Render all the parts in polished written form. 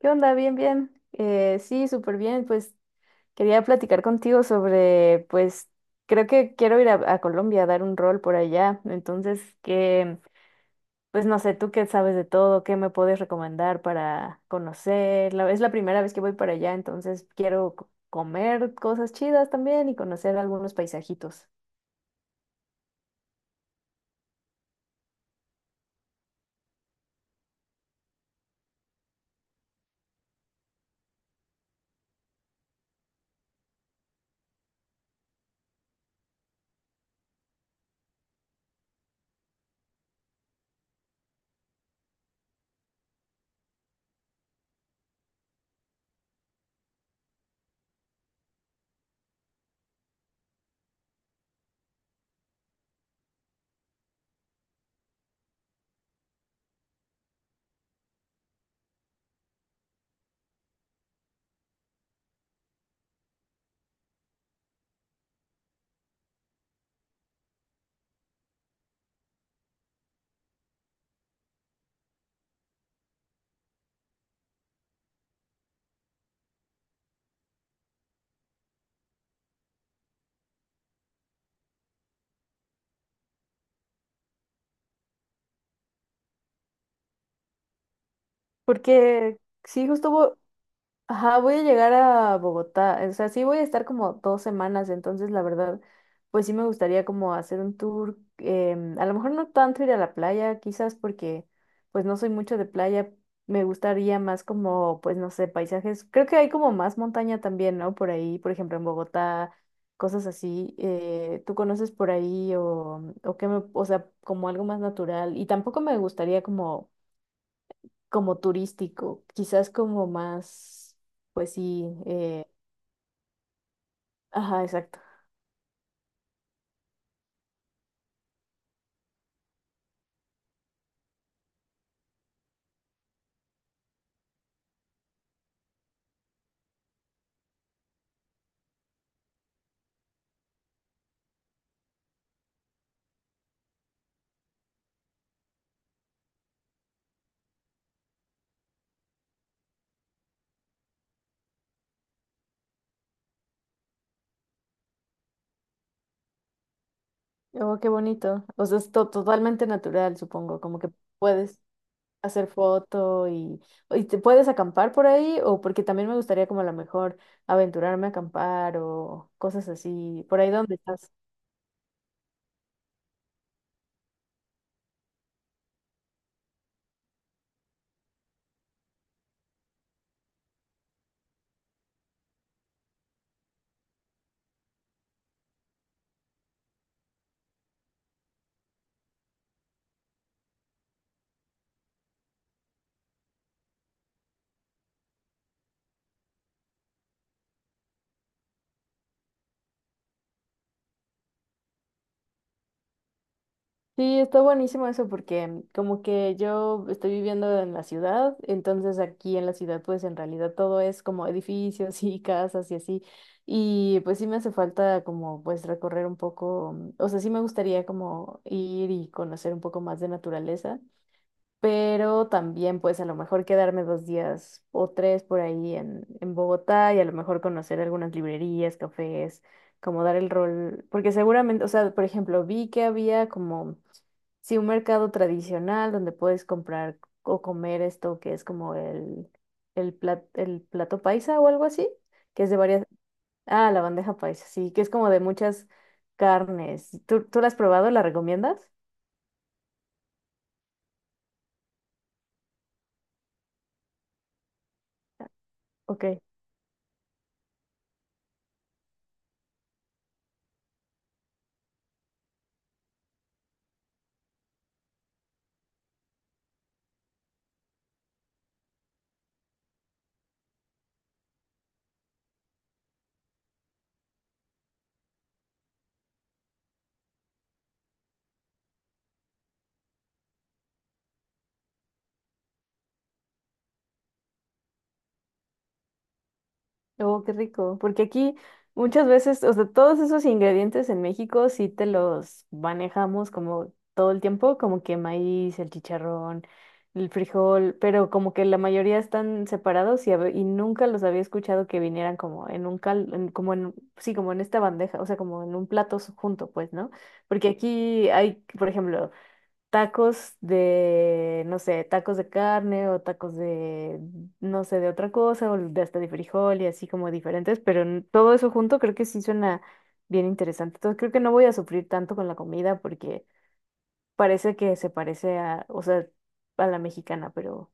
¿Qué onda? Bien, bien. Sí, súper bien. Pues quería platicar contigo sobre, pues creo que quiero ir a Colombia a dar un rol por allá. Entonces, que, pues no sé, tú qué sabes de todo, qué me puedes recomendar para conocer. Es la primera vez que voy para allá, entonces quiero comer cosas chidas también y conocer algunos paisajitos. Porque sí, ajá, voy a llegar a Bogotá, o sea, sí voy a estar como 2 semanas. Entonces, la verdad, pues sí me gustaría como hacer un tour, a lo mejor no tanto ir a la playa, quizás porque pues no soy mucho de playa. Me gustaría más como, pues no sé, paisajes. Creo que hay como más montaña también, ¿no? Por ahí, por ejemplo, en Bogotá, cosas así, ¿tú conoces por ahí o qué me, o sea, como algo más natural? Y tampoco me gustaría como como turístico, quizás como más, pues sí, ajá, exacto. Oh, qué bonito. O sea, es totalmente natural, supongo, como que puedes hacer foto y te puedes acampar por ahí. O porque también me gustaría como a lo mejor aventurarme a acampar o cosas así, por ahí donde estás. Sí, está buenísimo eso porque como que yo estoy viviendo en la ciudad. Entonces, aquí en la ciudad pues en realidad todo es como edificios y casas y así, y pues sí me hace falta como pues recorrer un poco. O sea, sí me gustaría como ir y conocer un poco más de naturaleza, pero también pues a lo mejor quedarme 2 días o 3 por ahí en Bogotá y a lo mejor conocer algunas librerías, cafés, como dar el rol. Porque seguramente, o sea, por ejemplo, vi que había como, sí, un mercado tradicional donde puedes comprar o comer esto que es como el, el plato paisa o algo así, que es de varias, ah, la bandeja paisa, sí, que es como de muchas carnes. ¿Tú la has probado? ¿La recomiendas? Ok. Oh, qué rico, porque aquí muchas veces, o sea, todos esos ingredientes en México sí te los manejamos como todo el tiempo, como que maíz, el chicharrón, el frijol, pero como que la mayoría están separados y nunca los había escuchado que vinieran como en un cal, como en, sí, como en esta bandeja, o sea, como en un plato junto, pues, ¿no? Porque aquí hay, por ejemplo, tacos de, no sé, tacos de carne o tacos de, no sé, de otra cosa, o de hasta de frijol y así como diferentes, pero todo eso junto creo que sí suena bien interesante. Entonces creo que no voy a sufrir tanto con la comida porque parece que se parece a, o sea, a la mexicana, pero...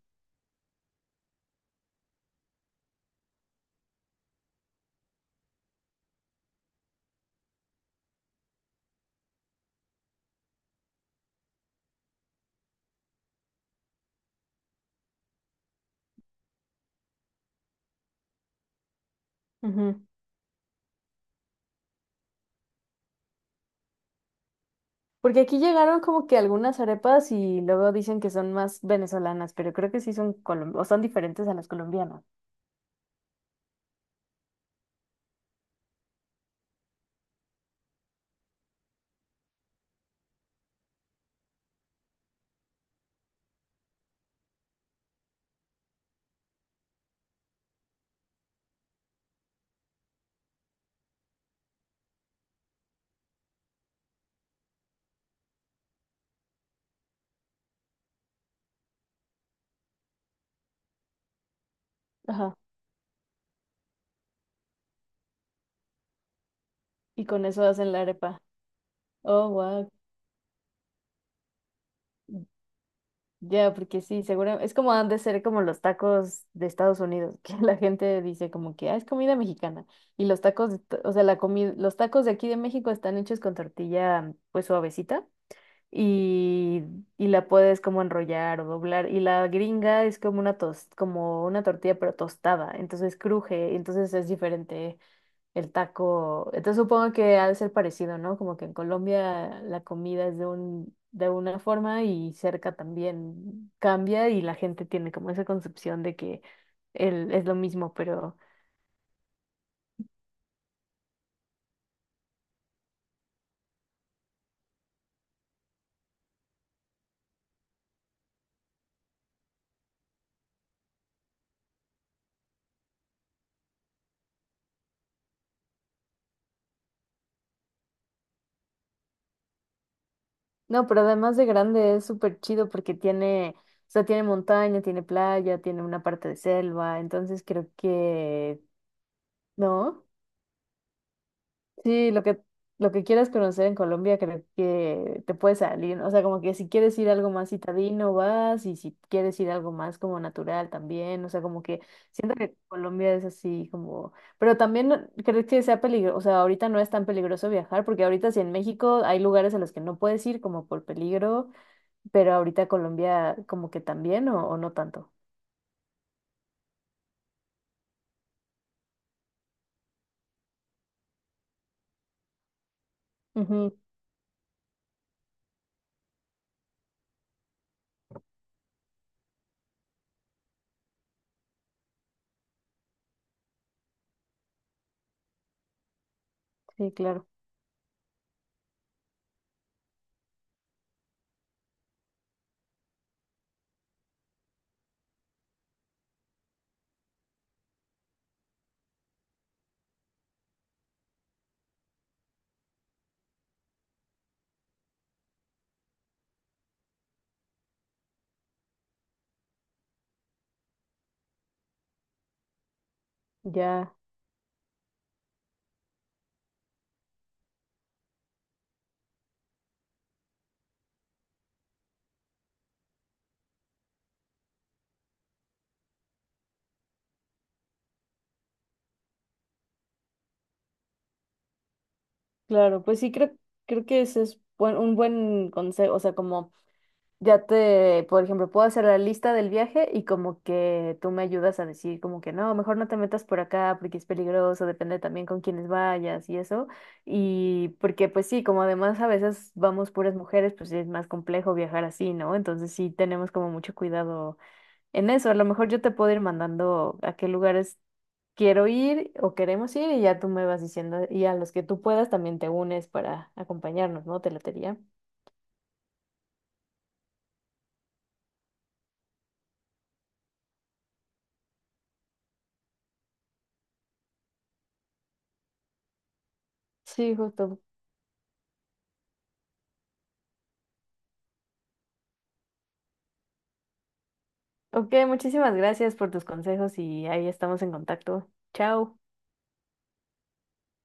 Ujú. Porque aquí llegaron como que algunas arepas y luego dicen que son más venezolanas, pero creo que sí son o son diferentes a las colombianas. Ajá. Y con eso hacen la arepa. Oh, wow. Ya, porque sí, seguro. Es como han de ser como los tacos de Estados Unidos, que la gente dice como que, ah, es comida mexicana. Y los tacos, o sea, la comida, los tacos de aquí de México están hechos con tortilla, pues suavecita, y, y la puedes como enrollar o doblar. Y la gringa es como una tos, como una tortilla, pero tostada, entonces cruje, entonces es diferente el taco. Entonces supongo que ha de ser parecido, ¿no? Como que en Colombia la comida es de un, de una forma y cerca también cambia y la gente tiene como esa concepción de que el, es lo mismo, pero no. Pero además de grande es súper chido porque tiene, o sea, tiene montaña, tiene playa, tiene una parte de selva, entonces creo que, ¿no? Sí, lo que quieras conocer en Colombia creo que te puede salir. O sea, como que si quieres ir algo más citadino vas y si quieres ir algo más como natural también. O sea, como que siento que Colombia es así como, pero también creo que sea peligroso. O sea, ahorita no es tan peligroso viajar porque ahorita sí en México hay lugares a los que no puedes ir como por peligro, pero ahorita Colombia como que también o no tanto. Ujú. Sí, claro, ya, claro, pues sí creo, creo que ese es un buen consejo, o sea, como ya te, por ejemplo, puedo hacer la lista del viaje y como que tú me ayudas a decir como que no, mejor no te metas por acá porque es peligroso, depende también con quiénes vayas y eso. Y porque pues sí, como además a veces vamos puras mujeres, pues sí es más complejo viajar así, ¿no? Entonces sí tenemos como mucho cuidado en eso. A lo mejor yo te puedo ir mandando a qué lugares quiero ir o queremos ir y ya tú me vas diciendo y a los que tú puedas también te unes para acompañarnos, ¿no? Te latería. Sí, justo. Ok, muchísimas gracias por tus consejos y ahí estamos en contacto. Chao.